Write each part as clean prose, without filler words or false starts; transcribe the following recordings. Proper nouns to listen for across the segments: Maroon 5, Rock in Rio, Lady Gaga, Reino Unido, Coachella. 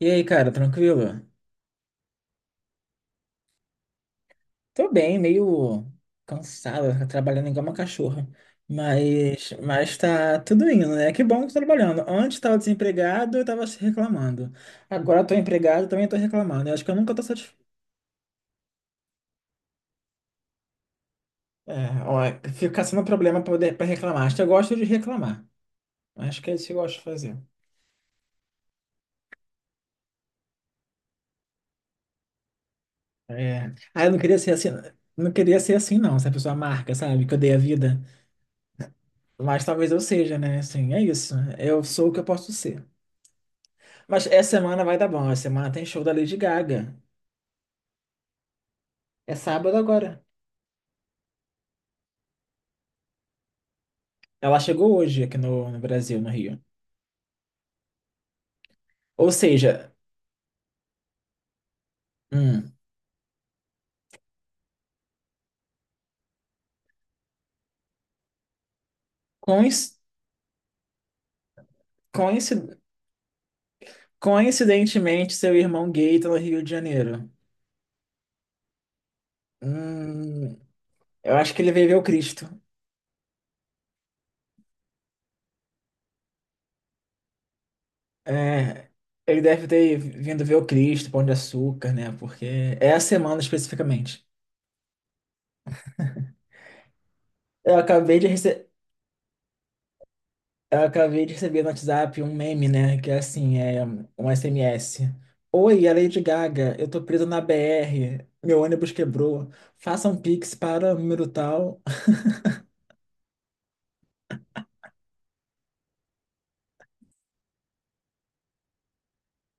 E aí, cara, tranquilo? Tô bem, meio cansado trabalhando igual uma cachorra. Mas tá tudo indo, né? Que bom que tô trabalhando. Antes tava desempregado, eu tava reclamando. Agora tô empregado, também tô reclamando. Eu acho que eu nunca tô satisfeito. É, ó, fica sendo um problema pra, poder, pra reclamar. Acho que eu gosto de reclamar. Acho que é isso que eu gosto de fazer. É. Ah, eu não queria ser assim. Não queria ser assim, não, essa pessoa marca, sabe? Que eu dei a vida. Mas talvez eu seja, né? Assim, é isso. Eu sou o que eu posso ser. Mas essa semana vai dar bom. Essa semana tem show da Lady Gaga. É sábado agora. Ela chegou hoje aqui no Brasil, no Rio. Ou seja, hum, coinc- coinci- coincidentemente, seu irmão gay tá no Rio de Janeiro. Hum, eu acho que ele veio ver o Cristo. É, ele deve ter vindo ver o Cristo, Pão de Açúcar, né? Porque é a semana especificamente. Eu acabei de receber. Eu acabei de receber no WhatsApp um meme, né? Que é assim, é um SMS. Oi, é Lady Gaga, eu tô preso na BR, meu ônibus quebrou, faça um Pix para o número tal.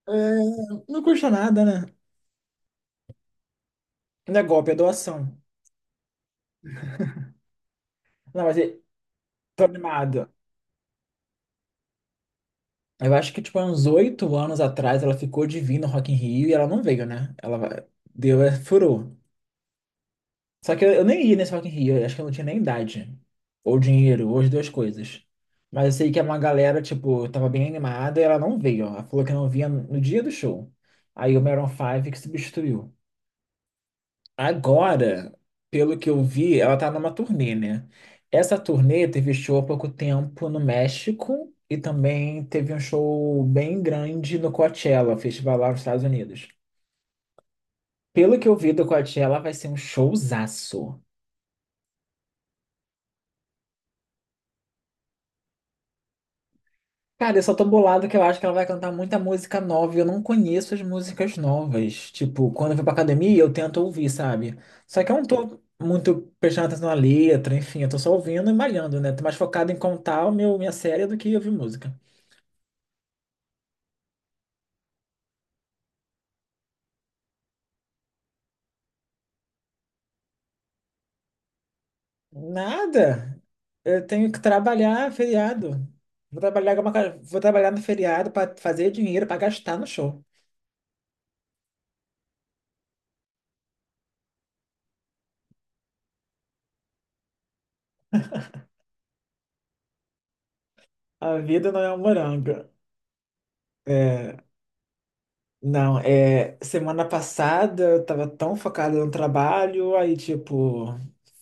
É, não custa nada, né? Não é golpe, é doação. Não, mas eu tô animado. Eu acho que, tipo, há uns 8 anos atrás ela ficou divina no Rock in Rio e ela não veio, né? Deu, é, furou. Só que eu nem ia nesse Rock in Rio, eu acho que eu não tinha nem idade. Ou dinheiro, ou as duas coisas. Mas eu sei que uma galera, tipo, tava bem animada e ela não veio, ó. Ela falou que não vinha no dia do show. Aí o Maroon five que substituiu. Agora, pelo que eu vi, ela tá numa turnê, né? Essa turnê teve show há pouco tempo no México e também teve um show bem grande no Coachella, festival lá nos Estados Unidos. Pelo que eu vi do Coachella, vai ser um showzaço. Cara, eu só tô bolado que eu acho que ela vai cantar muita música nova e eu não conheço as músicas novas. Tipo, quando eu vou pra academia, eu tento ouvir, sabe? Só que eu não tô muito prestando atenção na letra, enfim, eu tô só ouvindo e malhando, né? Tô mais focado em contar o meu, minha série do que ouvir música. Nada! Eu tenho que trabalhar feriado. Vou trabalhar, com uma ca- vou trabalhar no feriado pra fazer dinheiro, pra gastar no show. A vida não é um morango. É. Não, é, semana passada eu tava tão focada no trabalho, aí tipo,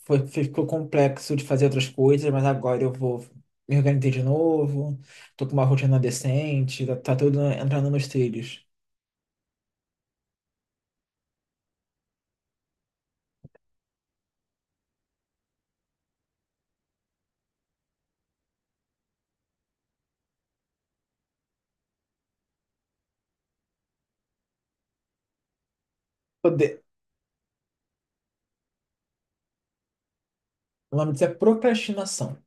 foi, ficou complexo de fazer outras coisas, mas agora eu vou me organizar de novo, tô com uma rotina decente, tá, tá tudo entrando nos trilhos. Poder, o nome disso é procrastinação.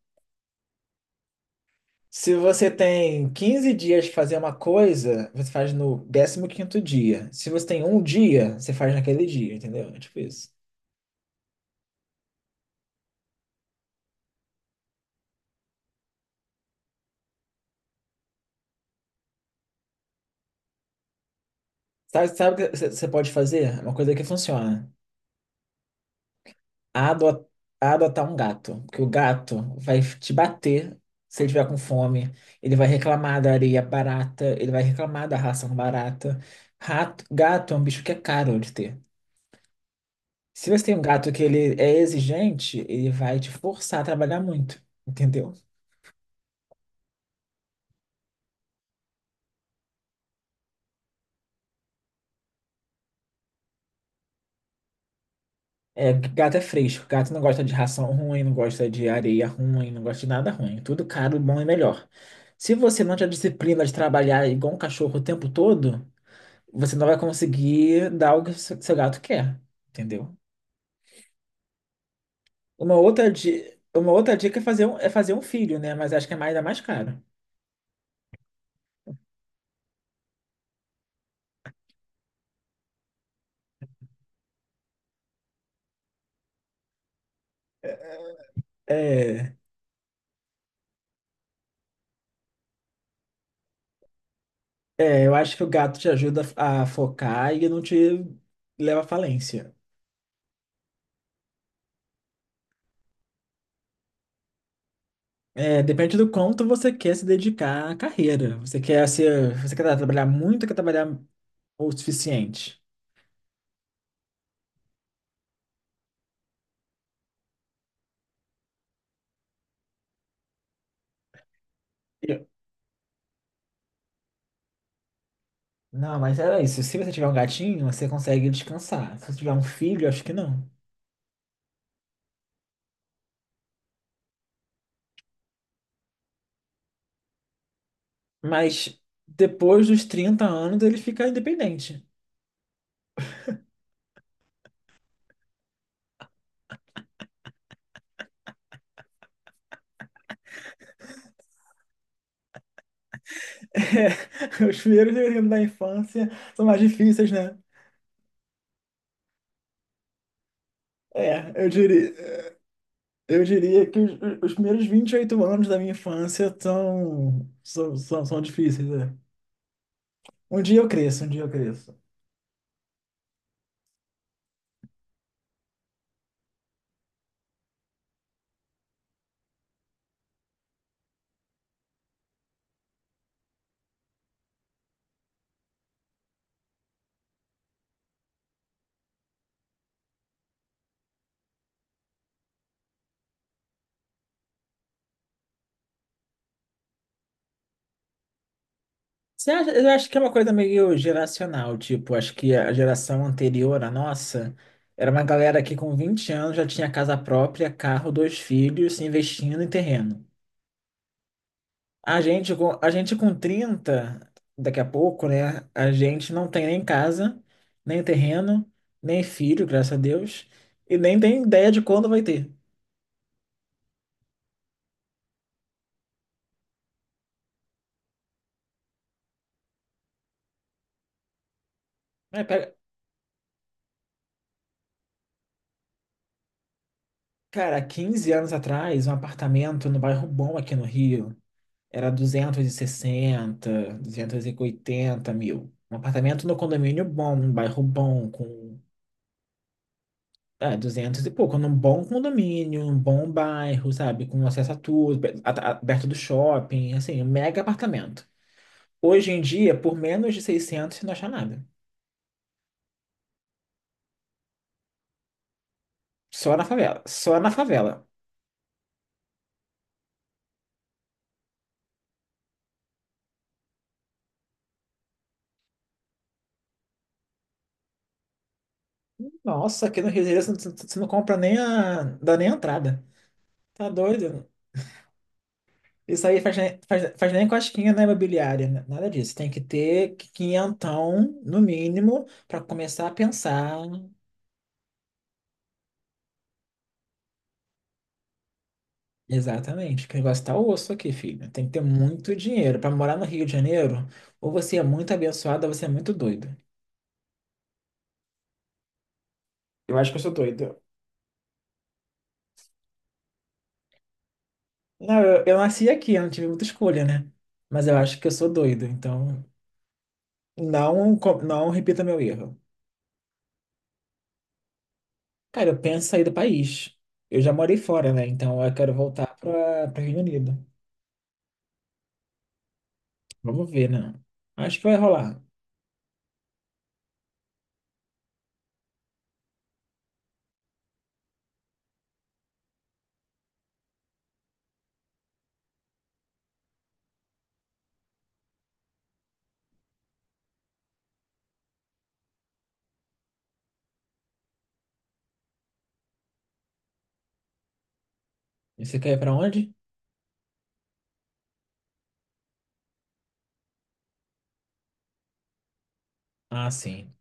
Se você tem 15 dias de fazer uma coisa, você faz no 15º dia. Se você tem um dia, você faz naquele dia, entendeu? É tipo isso. Sabe, sabe o que você pode fazer? É uma coisa que funciona. a ado- a adotar um gato, porque o gato vai te bater se ele estiver com fome, ele vai reclamar da areia barata, ele vai reclamar da ração barata. Rato, gato é um bicho que é caro de ter. Se você tem um gato que ele é exigente, ele vai te forçar a trabalhar muito, entendeu? É, gato é fresco, gato não gosta de ração ruim, não gosta de areia ruim, não gosta de nada ruim. Tudo caro, bom e melhor. Se você não tiver disciplina de trabalhar igual um cachorro o tempo todo, você não vai conseguir dar o que seu gato quer, entendeu? Uma outra dica é é fazer um filho, né? Mas acho que é mais, ainda mais caro. É, é, eu acho que o gato te ajuda a focar e não te leva à falência. É, depende do quanto você quer se dedicar à carreira. Você quer ser, você quer trabalhar muito, ou quer trabalhar o suficiente. Eu- Não, mas é isso. Se você tiver um gatinho, você consegue descansar. Se você tiver um filho, acho que não. Mas depois dos 30 anos ele fica independente. É, os primeiros períodos da infância são mais difíceis, né? É, eu diria, eu diria que os primeiros 28 anos da minha infância são, são difíceis, é. Um dia eu cresço, um dia eu cresço. Você acha, eu acho que é uma coisa meio geracional, tipo, acho que a geração anterior à nossa era uma galera que com 20 anos já tinha casa própria, carro, dois filhos, investindo em terreno. A gente com 30 daqui a pouco, né? A gente não tem nem casa, nem terreno, nem filho, graças a Deus, e nem tem ideia de quando vai ter. Mas pega- cara, 15 anos atrás, um apartamento no bairro bom aqui no Rio era duzentos duzentos e sessenta 280 mil. Um apartamento no condomínio bom, um bairro bom, com é, 200 e pouco, num bom condomínio, num bom bairro, sabe? Com acesso a tudo, be- a- perto do shopping, assim, um mega apartamento. Hoje em dia, por menos de 600 você não acha nada. Só na favela, só na favela. Nossa, aqui no Rio de Janeiro você não compra nem a, dá nem a entrada. Tá doido? Isso aí faz, nem- faz, faz nem cosquinha na imobiliária, né? Nada disso. Tem que ter quinhentão, no mínimo, para começar a pensar. Exatamente, que o negócio tá osso aqui, filho. Tem que ter muito dinheiro. Pra morar no Rio de Janeiro, ou você é muito abençoado, ou você é muito doido. Eu acho que eu sou doido. Não, eu nasci aqui, eu não tive muita escolha, né? Mas eu acho que eu sou doido, então não, não repita meu erro. Cara, eu penso em sair do país. Eu já morei fora, né? Então eu quero voltar para para Reino Unido. Vamos ver, né? Acho que vai rolar. E você quer ir pra onde? Ah, sim.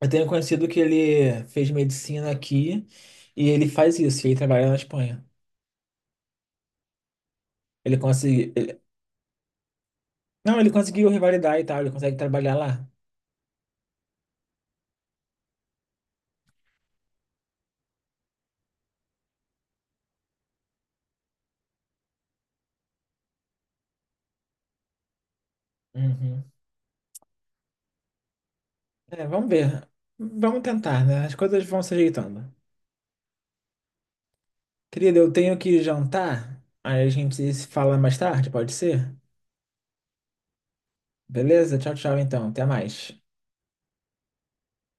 Eu tenho conhecido que ele fez medicina aqui e ele faz isso, ele trabalha na Espanha. Ele conseguiu. Não, ele conseguiu revalidar e tal, ele consegue trabalhar lá. Uhum. É, vamos ver. Vamos tentar, né? As coisas vão se ajeitando. Querida, eu tenho que jantar. Aí a gente se fala mais tarde, pode ser? Beleza? Tchau, tchau, então. Até mais.